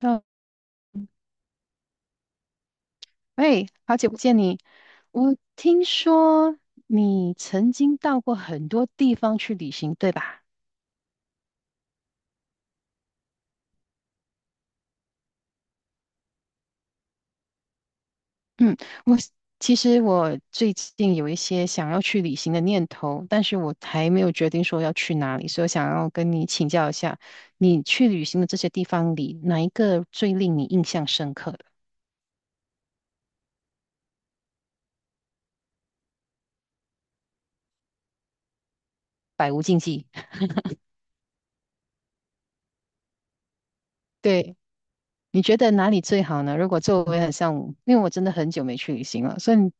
嗯，喂，好久不见你。我听说你曾经到过很多地方去旅行，对吧？嗯，我其实我最近有一些想要去旅行的念头，但是我还没有决定说要去哪里，所以我想要跟你请教一下，你去旅行的这些地方里，哪一个最令你印象深刻的？百无禁忌。对。你觉得哪里最好呢？如果作为很像，因为我真的很久没去旅行了，所以你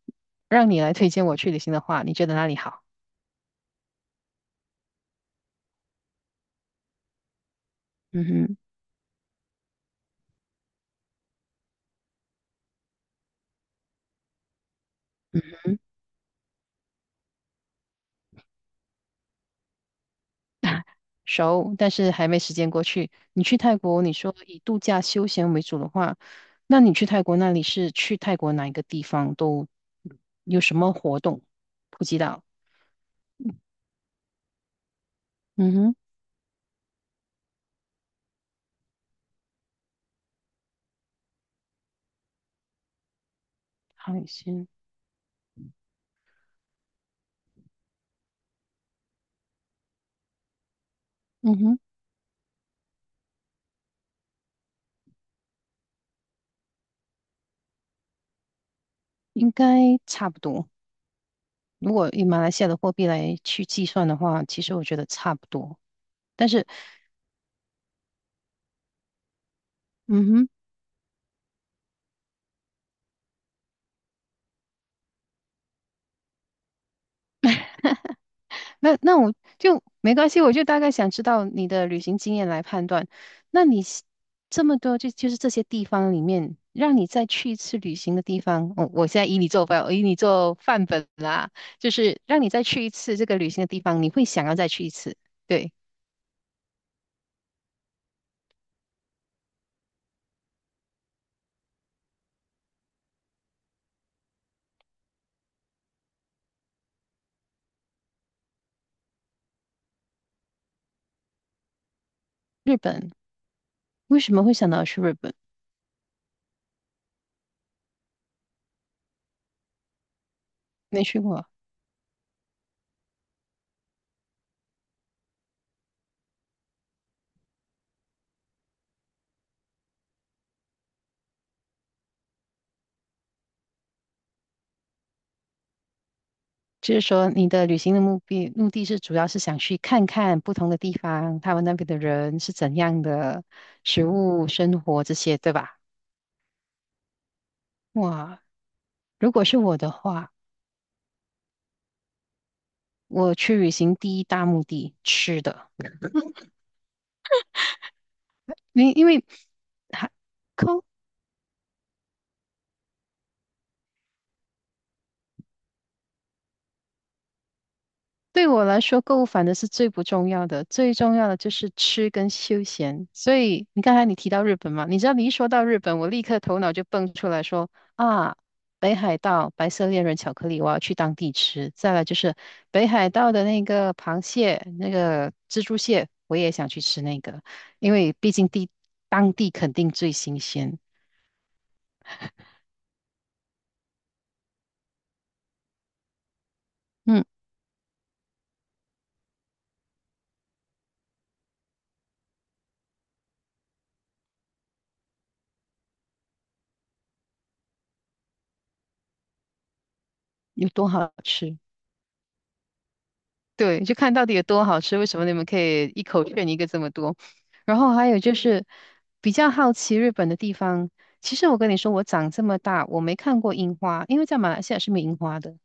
让你来推荐我去旅行的话，你觉得哪里好？嗯哼，嗯，熟，但是还没时间过去。你去泰国，你说以度假休闲为主的话，那你去泰国那里是去泰国哪一个地方都有什么活动？普吉岛，嗯哼，海鲜，嗯哼，应该差不多。如果以马来西亚的货币来去计算的话，其实我觉得差不多。但是，嗯哼。那我就没关系，我就大概想知道你的旅行经验来判断。那你是这么多就是这些地方里面，让你再去一次旅行的地方，我现在以你做范本啦，就是让你再去一次这个旅行的地方，你会想要再去一次。对，日本，为什么会想到去日本？没去过，就是说你的旅行的目的是主要是想去看看不同的地方，他们那边的人是怎样的，食物、生活这些，对吧？哇，如果是我的话，我去旅行第一大目的吃的，因为还购对我来说，购物反正是最不重要的，最重要的就是吃跟休闲。所以你刚才你提到日本嘛，你知道你一说到日本，我立刻头脑就蹦出来说啊，北海道白色恋人巧克力，我要去当地吃。再来就是北海道的那个螃蟹，那个蜘蛛蟹，我也想去吃那个，因为毕竟当地肯定最新鲜。嗯。有多好吃？对，就看到底有多好吃。为什么你们可以一口炫一个这么多？然后还有就是比较好奇日本的地方。其实我跟你说，我长这么大，我没看过樱花，因为在马来西亚是没樱花的。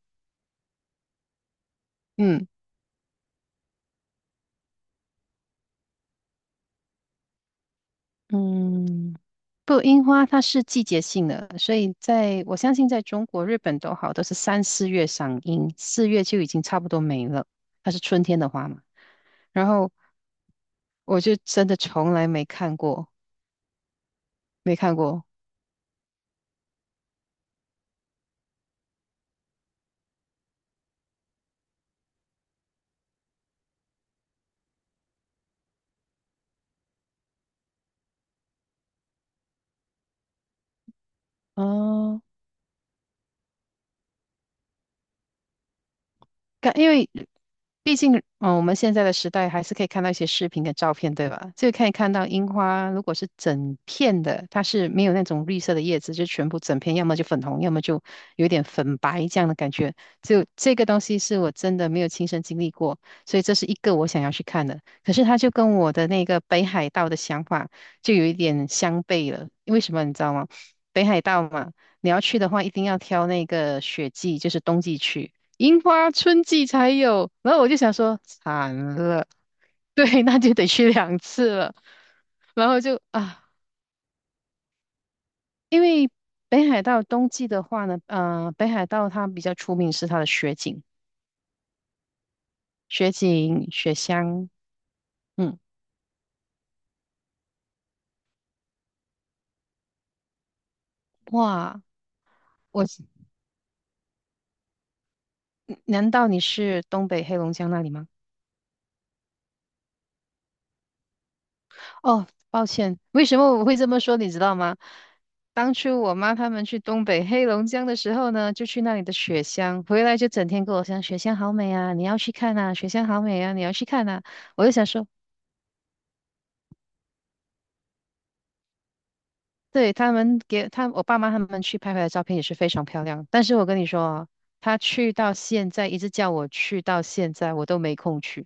嗯嗯，不，樱花它是季节性的，所以在我相信在中国、日本都好，都是3、4月赏樱，四月就已经差不多没了，它是春天的花嘛。然后我就真的从来没看过，没看过。哦，因为毕竟，我们现在的时代还是可以看到一些视频跟照片，对吧？就可以看到樱花，如果是整片的，它是没有那种绿色的叶子，就全部整片，要么就粉红，要么就有点粉白这样的感觉。就这个东西是我真的没有亲身经历过，所以这是一个我想要去看的。可是它就跟我的那个北海道的想法就有一点相悖了，为什么你知道吗？北海道嘛，你要去的话，一定要挑那个雪季，就是冬季去。樱花春季才有。然后我就想说，惨了，对，那就得去2次了。然后就啊，因为北海道冬季的话呢，北海道它比较出名是它的雪景、雪乡。嗯，哇，我，难道你是东北黑龙江那里吗？哦，抱歉，为什么我会这么说，你知道吗？当初我妈他们去东北黑龙江的时候呢，就去那里的雪乡，回来就整天跟我讲雪乡好美啊，你要去看呐！”“雪乡好美啊，你要去看呐！”我就想说，对，他们给他我爸妈他们去拍回来的照片也是非常漂亮，但是我跟你说啊，他去到现在一直叫我去到现在，我都没空去。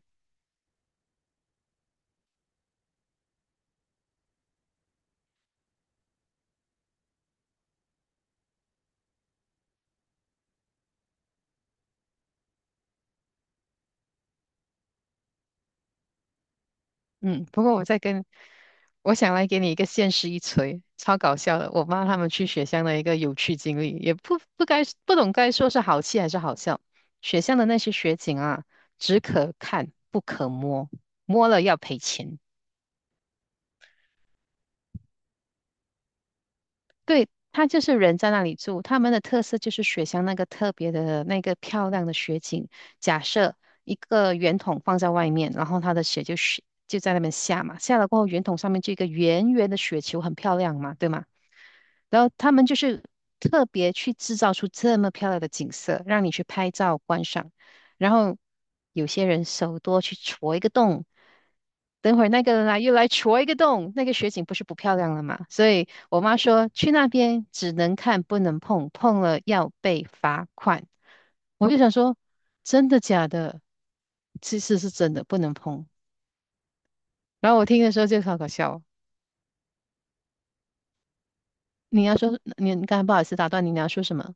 嗯，不过我再跟，我想来给你一个现实一锤，超搞笑的。我妈他们去雪乡的一个有趣经历，也不懂该说是好气还是好笑。雪乡的那些雪景啊，只可看不可摸，摸了要赔钱。对，它就是人在那里住，他们的特色就是雪乡那个特别的那个漂亮的雪景。假设一个圆筒放在外面，然后它的雪就在那边下嘛，下了过后圆筒上面就一个圆圆的雪球，很漂亮嘛，对吗？然后他们就是特别去制造出这么漂亮的景色，让你去拍照观赏。然后有些人手多去戳一个洞，等会儿那个人又来戳一个洞，那个雪景不是不漂亮了吗？所以我妈说去那边只能看不能碰，碰了要被罚款。我就想说，真的假的？其实是真的，不能碰。然后我听的时候就好搞笑哦。你要说，你刚才不好意思打断你，你要说什么？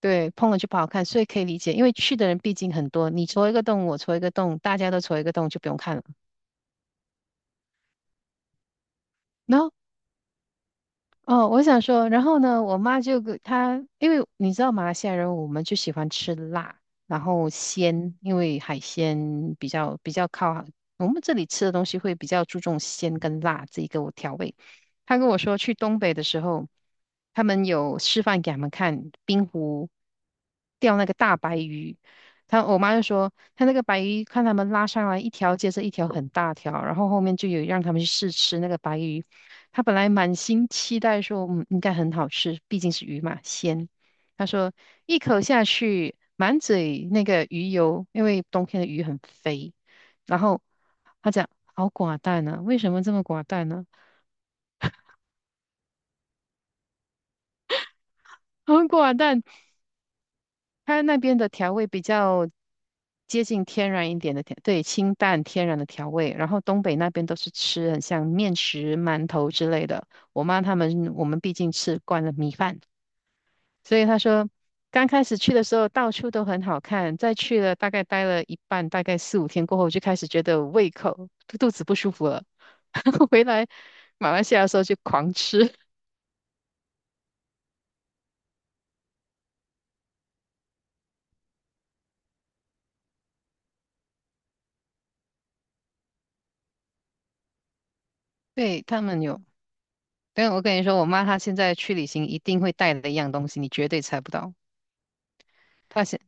对，碰了就不好看，所以可以理解，因为去的人毕竟很多，你戳一个洞，我戳一个洞，大家都戳一个洞，就不用看了。然后哦，我想说，然后呢，我妈就给她，因为你知道马来西亚人，我们就喜欢吃辣，然后因为海鲜比较靠，我们这里吃的东西会比较注重鲜跟辣这一个调味。她跟我说，去东北的时候，他们有示范给他们看冰湖钓那个大白鱼，我妈就说，她那个白鱼看他们拉上来一条接着一条很大条，然后后面就有让他们去试吃那个白鱼。他本来满心期待说，应该很好吃，毕竟是鱼嘛，鲜。他说一口下去，满嘴那个鱼油，因为冬天的鱼很肥。然后他讲好寡淡啊，为什么这么寡淡呢、好寡淡，他那边的调味比较接近天然一点的对，清淡天然的调味。然后东北那边都是吃很像面食、馒头之类的。我们毕竟吃惯了米饭。所以他说，刚开始去的时候到处都很好看，再去了大概待了一半，大概4、5天过后，我就开始觉得胃口肚肚子不舒服了。回来马来西亚的时候就狂吃。对，他们有，但我跟你说，我妈她现在去旅行一定会带的一样东西，你绝对猜不到。她现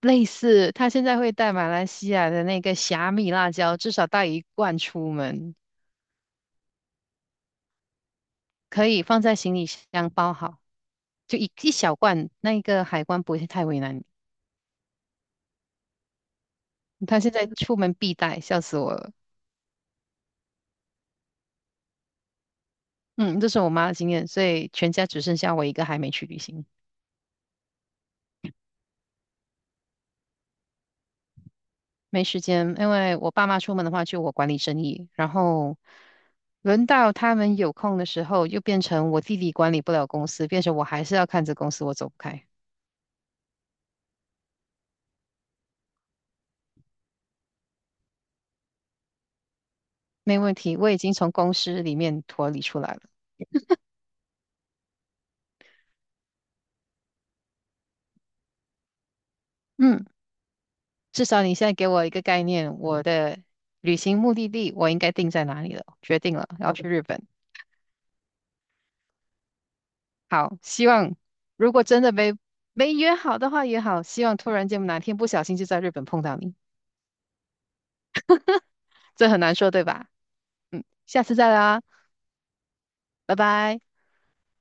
类似，她现在会带马来西亚的那个虾米辣椒，至少带一罐出门，可以放在行李箱包好，就一小罐，那一个海关不会太为难你。他现在出门必带，笑死我了。嗯，这是我妈的经验，所以全家只剩下我一个还没去旅行，没时间。因为我爸妈出门的话，就我管理生意，然后轮到他们有空的时候，又变成我弟弟管理不了公司，变成我还是要看着公司，我走不开。没问题，我已经从公司里面脱离出来了。嗯，至少你现在给我一个概念，我的旅行目的地我应该定在哪里了，决定了，要去日本。好，希望如果真的没约好的话也好，希望突然间哪天不小心就在日本碰到你，这很难说，对吧？下次再聊啊，拜拜。